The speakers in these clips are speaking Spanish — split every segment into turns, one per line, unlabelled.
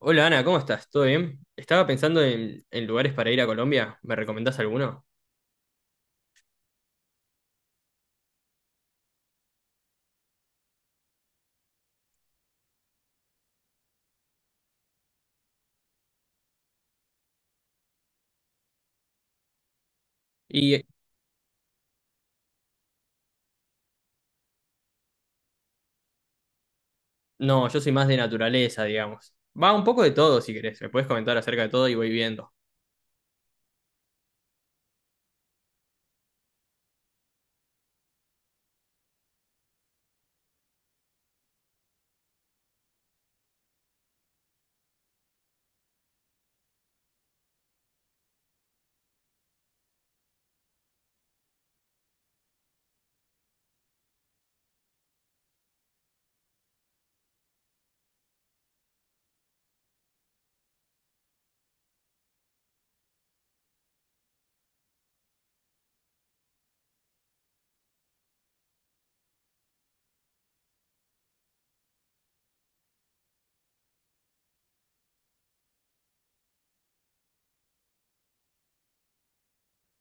Hola Ana, ¿cómo estás? ¿Todo bien? Estaba pensando en lugares para ir a Colombia. ¿Me recomendás alguno? Y no, yo soy más de naturaleza, digamos. Va un poco de todo, si querés. Me puedes comentar acerca de todo y voy viendo.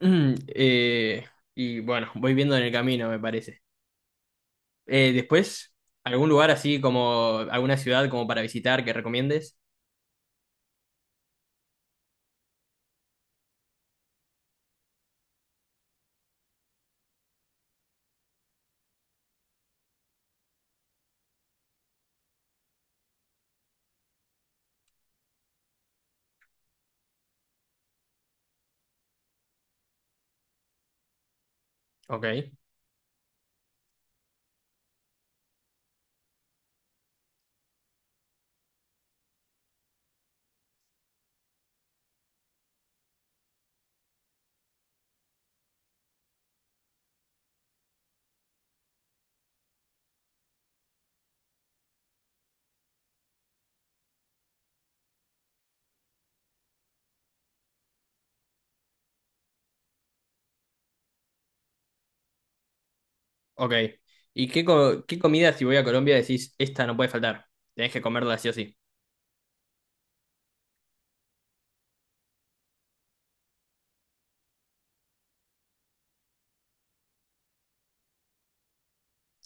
Mm, Eh, y bueno, voy viendo en el camino, me parece. Después, ¿algún lugar así como alguna ciudad como para visitar que recomiendes? Ok, ok. ¿Y qué, qué comida si voy a Colombia decís, esta no puede faltar? Tenés que comerla sí o sí.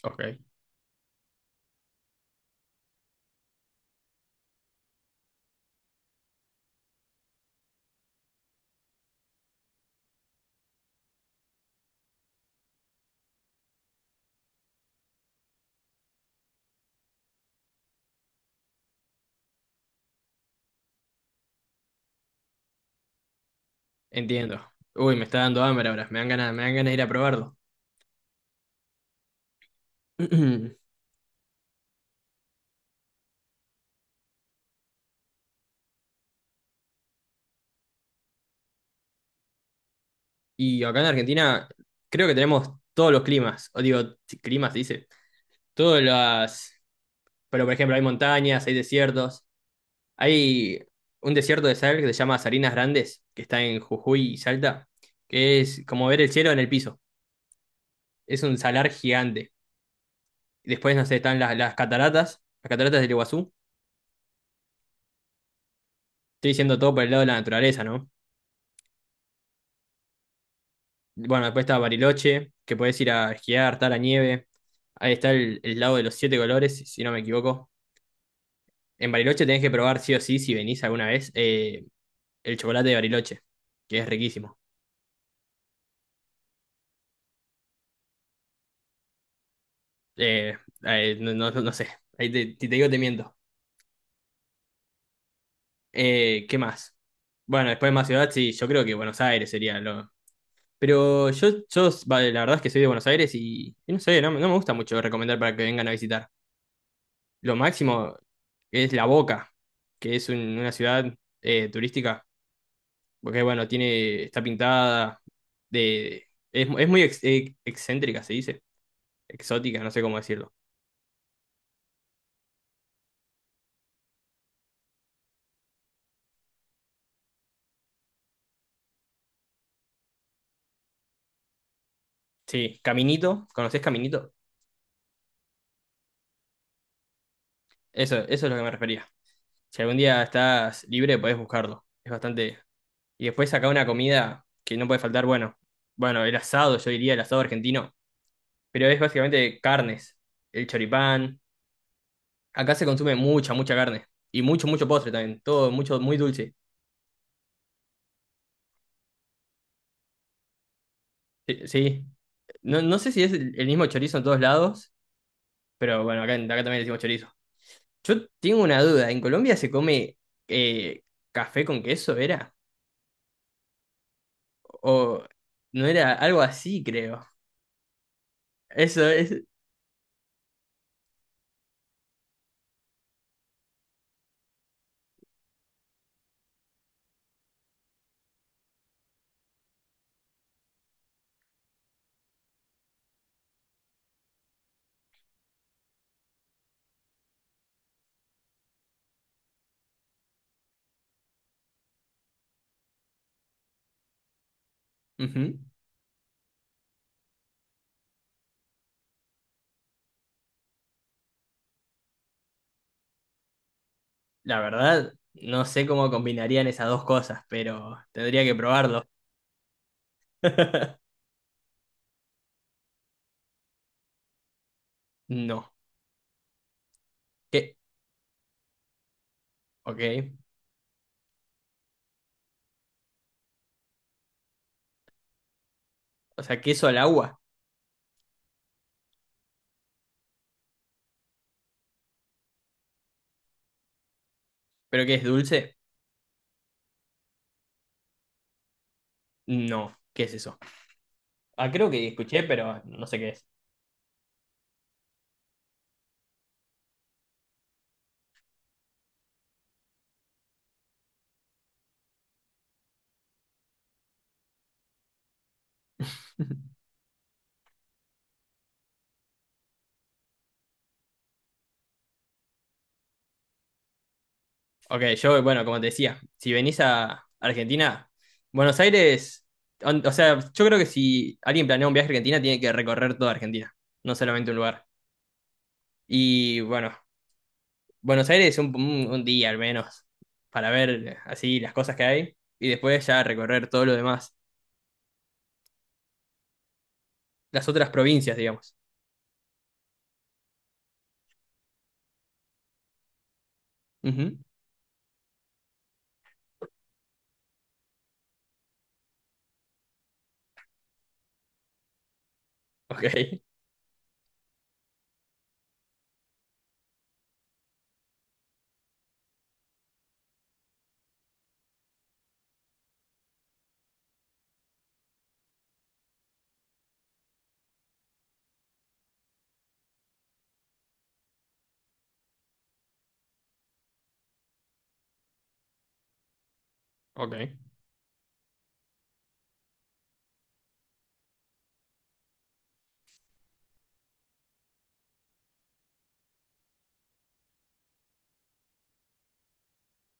Ok. Entiendo. Uy, me está dando hambre ahora. Me dan ganas de ir a probarlo. Y acá en Argentina creo que tenemos todos los climas. O digo, si climas se dice. Todas las. Pero por ejemplo, hay montañas, hay desiertos. Hay un desierto de sal que se llama Salinas Grandes, que está en Jujuy y Salta, que es como ver el cielo en el piso. Es un salar gigante. Después, no sé, están las cataratas del Iguazú. Estoy diciendo todo por el lado de la naturaleza, ¿no? Bueno, después está Bariloche, que puedes ir a esquiar, está la nieve. Ahí está el lago de los siete colores, si no me equivoco. En Bariloche tenés que probar sí o sí, si venís alguna vez, el chocolate de Bariloche, que es riquísimo. Eh, no, no sé, ahí te, si te digo te miento. ¿Qué más? Bueno, después más ciudad, sí, yo creo que Buenos Aires sería lo. Pero yo, vale, la verdad es que soy de Buenos Aires y no sé, no, me no me gusta mucho recomendar para que vengan a visitar. Lo máximo es La Boca, que es una ciudad turística, porque bueno, tiene, está pintada de, es muy excéntrica, se dice, exótica, no sé cómo decirlo. Sí, Caminito, ¿conoces Caminito? Eso es lo que me refería. Si algún día estás libre, podés buscarlo. Es bastante. Y después acá una comida que no puede faltar, bueno, el asado, yo diría el asado argentino, pero es básicamente carnes, el choripán. Acá se consume mucha, mucha carne. Y mucho, mucho postre también. Todo mucho, muy dulce. Sí. Sí. No, no sé si es el mismo chorizo en todos lados, pero bueno, acá también decimos chorizo. Yo tengo una duda. ¿En Colombia se come eh, café con queso, era? O no era algo así, creo. Eso es. Ujú. La verdad, no sé cómo combinarían esas dos cosas, pero tendría que probarlo. No. ¿Qué? Ok. O sea, queso al agua. ¿Pero qué es dulce? No. ¿Qué es eso? Ah, creo que escuché, pero no sé qué es. Ok, yo, bueno, como te decía, si venís a Argentina, Buenos Aires, o sea, yo creo que si alguien planea un viaje a Argentina, tiene que recorrer toda Argentina, no solamente un lugar. Y bueno, Buenos Aires un día al menos, para ver así las cosas que hay, y después ya recorrer todo lo demás, las otras provincias, digamos. Ujú. Ok. Ok,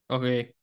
ok,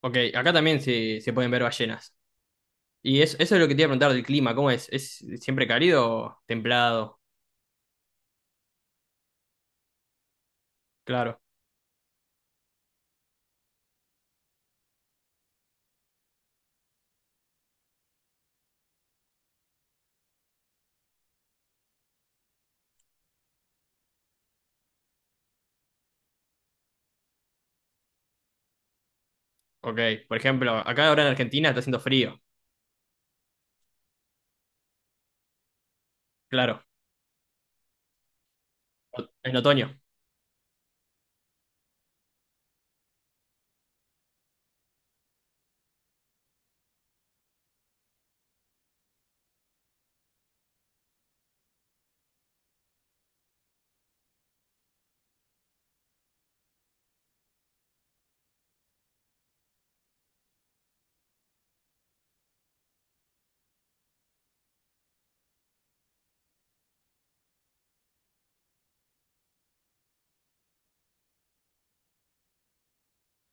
ok. Acá también se pueden ver ballenas. Y eso es lo que te iba a preguntar del clima, ¿cómo es? ¿Es siempre cálido o templado? Claro, ok. Por ejemplo, acá ahora en Argentina está haciendo frío, claro, en otoño,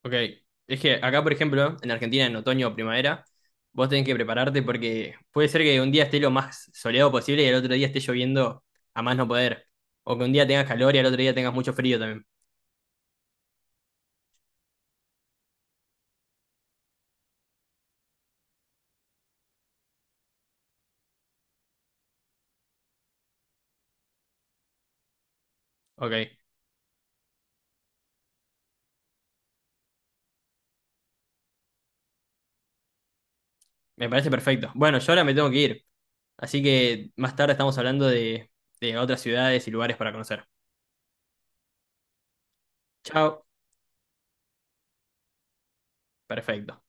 ok. Es que acá, por ejemplo, en Argentina, en otoño o primavera, vos tenés que prepararte porque puede ser que un día esté lo más soleado posible y el otro día esté lloviendo a más no poder. O que un día tengas calor y al otro día tengas mucho frío también. Ok, me parece perfecto. Bueno, yo ahora me tengo que ir, así que más tarde estamos hablando de otras ciudades y lugares para conocer. Chao. Perfecto.